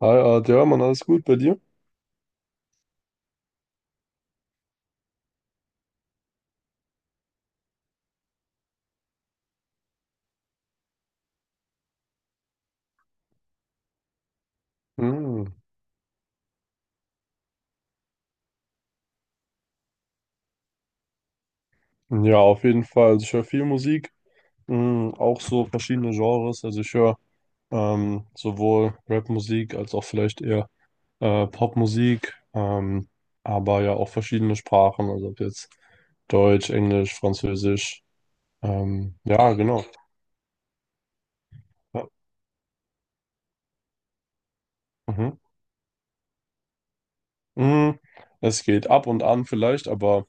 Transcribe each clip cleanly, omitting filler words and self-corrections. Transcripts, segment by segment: Hi, Art, ja, Mann, alles gut bei dir? Hm. Ja, auf jeden Fall. Also ich höre viel Musik, hm, auch so verschiedene Genres. Also ich höre sowohl Rap-Musik als auch vielleicht eher Popmusik, aber ja auch verschiedene Sprachen, also ob jetzt Deutsch, Englisch, Französisch. Ja, genau. Ja. Mhm. Hm, es geht ab und an vielleicht, aber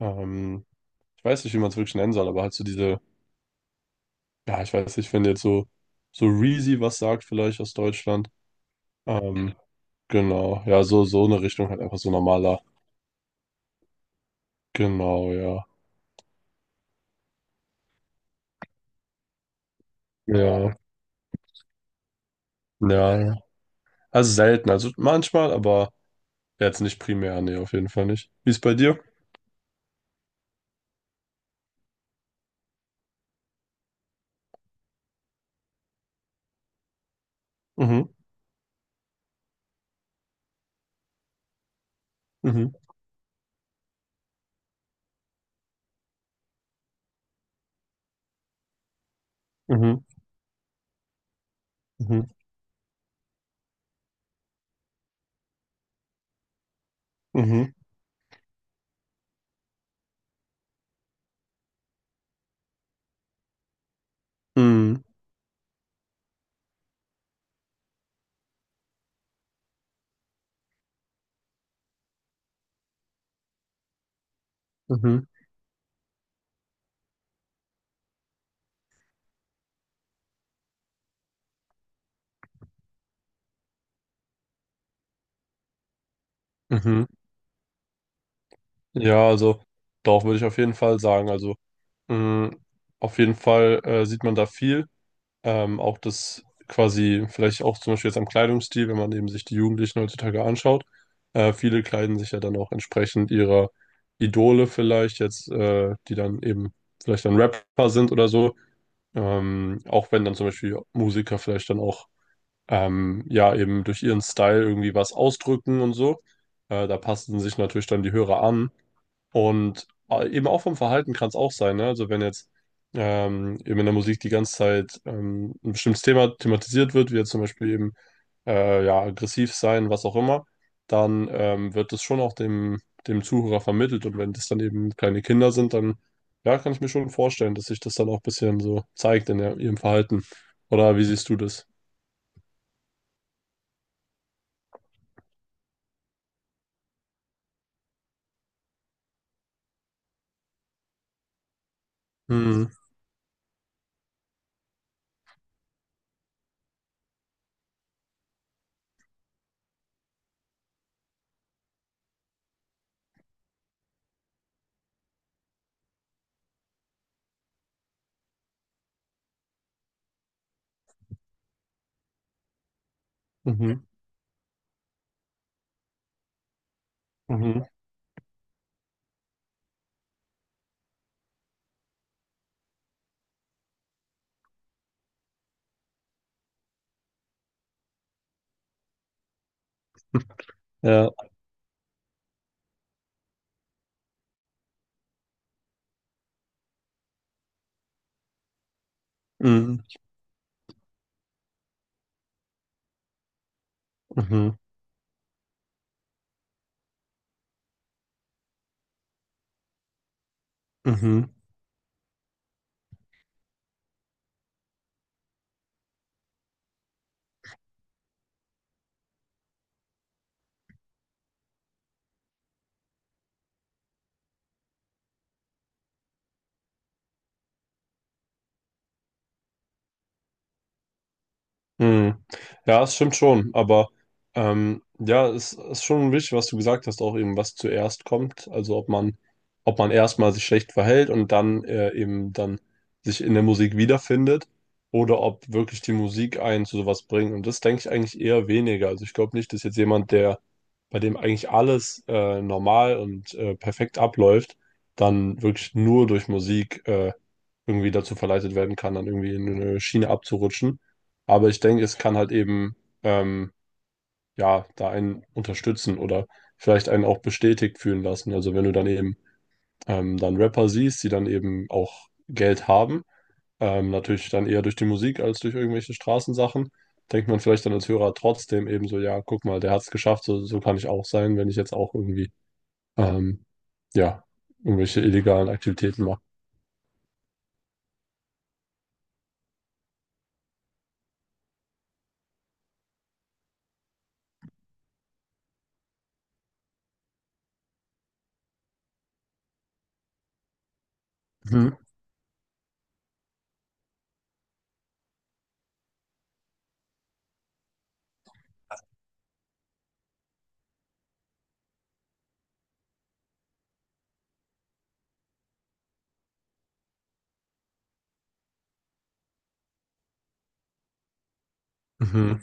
ähm, ich weiß nicht, wie man es wirklich nennen soll, aber halt so diese... Ja, ich weiß nicht, wenn jetzt so, so Reezy was sagt, vielleicht aus Deutschland. Ähm, genau, ja, so, so eine Richtung halt einfach, so normaler. Genau, ja. Ja, ja, ja. Also selten, also manchmal, aber jetzt nicht primär, nee, auf jeden Fall nicht. Wie ist bei dir? Mhm, mhm, mhm, mhm, mhm, mhm, mhm, mhm. Ja, also doch, würde ich auf jeden Fall sagen. Also, mh, auf jeden Fall sieht man da viel. Auch das quasi, vielleicht auch zum Beispiel jetzt am Kleidungsstil, wenn man eben sich die Jugendlichen heutzutage anschaut. Viele kleiden sich ja dann auch entsprechend ihrer Idole vielleicht, jetzt, die dann eben vielleicht dann Rapper sind oder so. Auch wenn dann zum Beispiel Musiker vielleicht dann auch ja, eben durch ihren Style irgendwie was ausdrücken und so. Da passen sich natürlich dann die Hörer an. Und eben auch vom Verhalten kann es auch sein, ne? Also wenn jetzt eben in der Musik die ganze Zeit ein bestimmtes Thema thematisiert wird, wie jetzt zum Beispiel eben ja, aggressiv sein, was auch immer, dann wird das schon auch dem, dem Zuhörer vermittelt. Und wenn das dann eben kleine Kinder sind, dann ja, kann ich mir schon vorstellen, dass sich das dann auch ein bisschen so zeigt in der, ihrem Verhalten. Oder wie siehst du das? Mhm, mhm, ja, mhm, mhm, mhm. Hm. Ja, es stimmt schon, aber ja, es ist schon wichtig, was du gesagt hast, auch eben, was zuerst kommt. Also ob man erstmal sich schlecht verhält und dann eben dann sich in der Musik wiederfindet oder ob wirklich die Musik einen zu sowas bringt. Und das denke ich eigentlich eher weniger. Also ich glaube nicht, dass jetzt jemand, der, bei dem eigentlich alles normal und perfekt abläuft, dann wirklich nur durch Musik irgendwie dazu verleitet werden kann, dann irgendwie in eine Schiene abzurutschen. Aber ich denke, es kann halt eben, ähm, ja, da einen unterstützen oder vielleicht einen auch bestätigt fühlen lassen. Also wenn du dann eben dann Rapper siehst, die dann eben auch Geld haben, natürlich dann eher durch die Musik als durch irgendwelche Straßensachen, denkt man vielleicht dann als Hörer trotzdem eben so, ja, guck mal, der hat es geschafft, so, so kann ich auch sein, wenn ich jetzt auch irgendwie, ähm, ja, irgendwelche illegalen Aktivitäten mache. Mhm, mhm,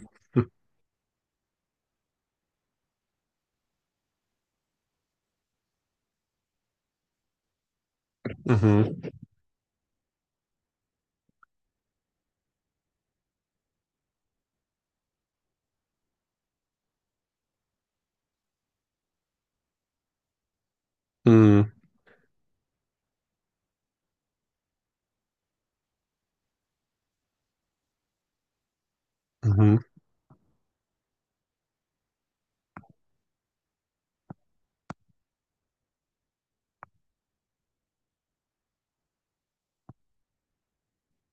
mhm, mhm, mhm,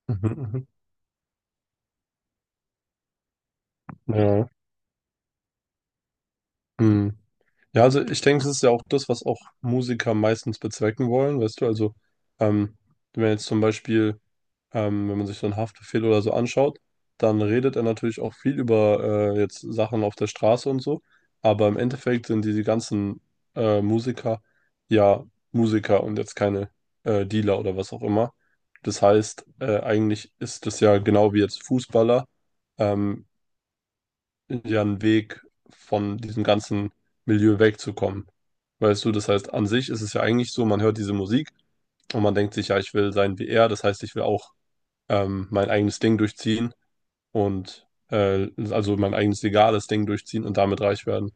mhm, mhm. Ja. Hm. Ja, also ich denke, das ist ja auch das, was auch Musiker meistens bezwecken wollen, weißt du, also ähm, wenn jetzt zum Beispiel, wenn man sich so einen Haftbefehl oder so anschaut, dann redet er natürlich auch viel über jetzt Sachen auf der Straße und so, aber im Endeffekt sind diese ganzen Musiker ja Musiker und jetzt keine Dealer oder was auch immer. Das heißt, eigentlich ist das ja genau wie jetzt Fußballer. Ähm, ja, einen Weg, von diesem ganzen Milieu wegzukommen. Weißt du, das heißt, an sich ist es ja eigentlich so, man hört diese Musik und man denkt sich, ja, ich will sein wie er, das heißt, ich will auch mein eigenes Ding durchziehen und also mein eigenes legales Ding durchziehen und damit reich werden.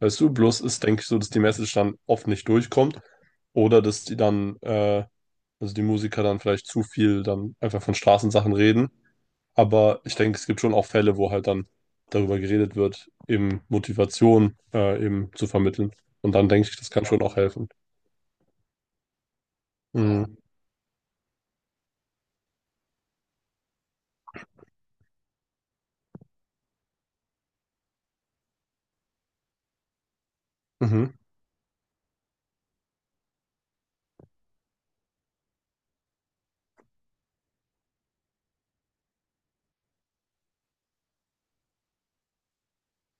Weißt du, bloß ist, denke ich, so, dass die Message dann oft nicht durchkommt oder dass die dann, also die Musiker dann vielleicht zu viel dann einfach von Straßensachen reden, aber ich denke, es gibt schon auch Fälle, wo halt dann darüber geredet wird, eben Motivation eben zu vermitteln. Und dann denke ich, das kann schon auch helfen. Mhm, mhm,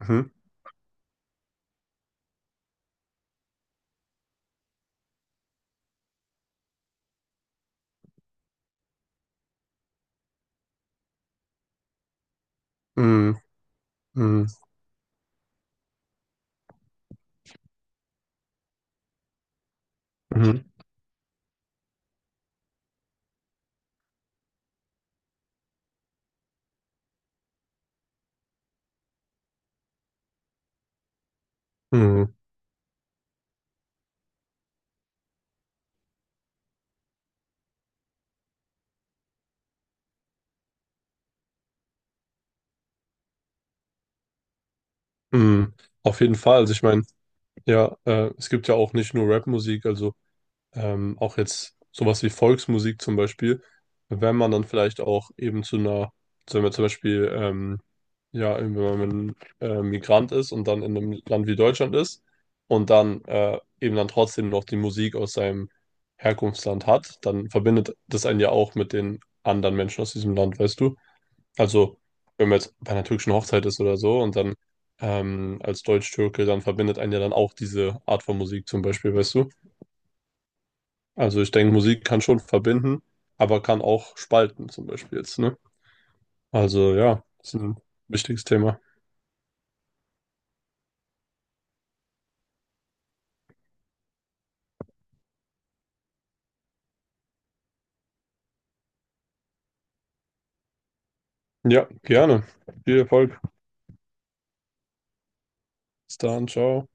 mhm, mhm, mhm, mhm, mhm, mhm. Auf jeden Fall. Also ich meine, ja, es gibt ja auch nicht nur Rap-Musik, also auch jetzt sowas wie Volksmusik zum Beispiel, wenn man dann vielleicht auch eben zu einer, also wenn man zum Beispiel, ja, wenn man Migrant ist und dann in einem Land wie Deutschland ist und dann eben dann trotzdem noch die Musik aus seinem Herkunftsland hat, dann verbindet das einen ja auch mit den anderen Menschen aus diesem Land, weißt du? Also, wenn man jetzt bei einer türkischen Hochzeit ist oder so und dann als Deutsch-Türke, dann verbindet einen ja dann auch diese Art von Musik zum Beispiel, weißt du? Also ich denke, Musik kann schon verbinden, aber kann auch spalten zum Beispiel jetzt, ne? Also ja, ist ein wichtiges Thema. Ja, gerne. Viel Erfolg. Bis dann, ciao.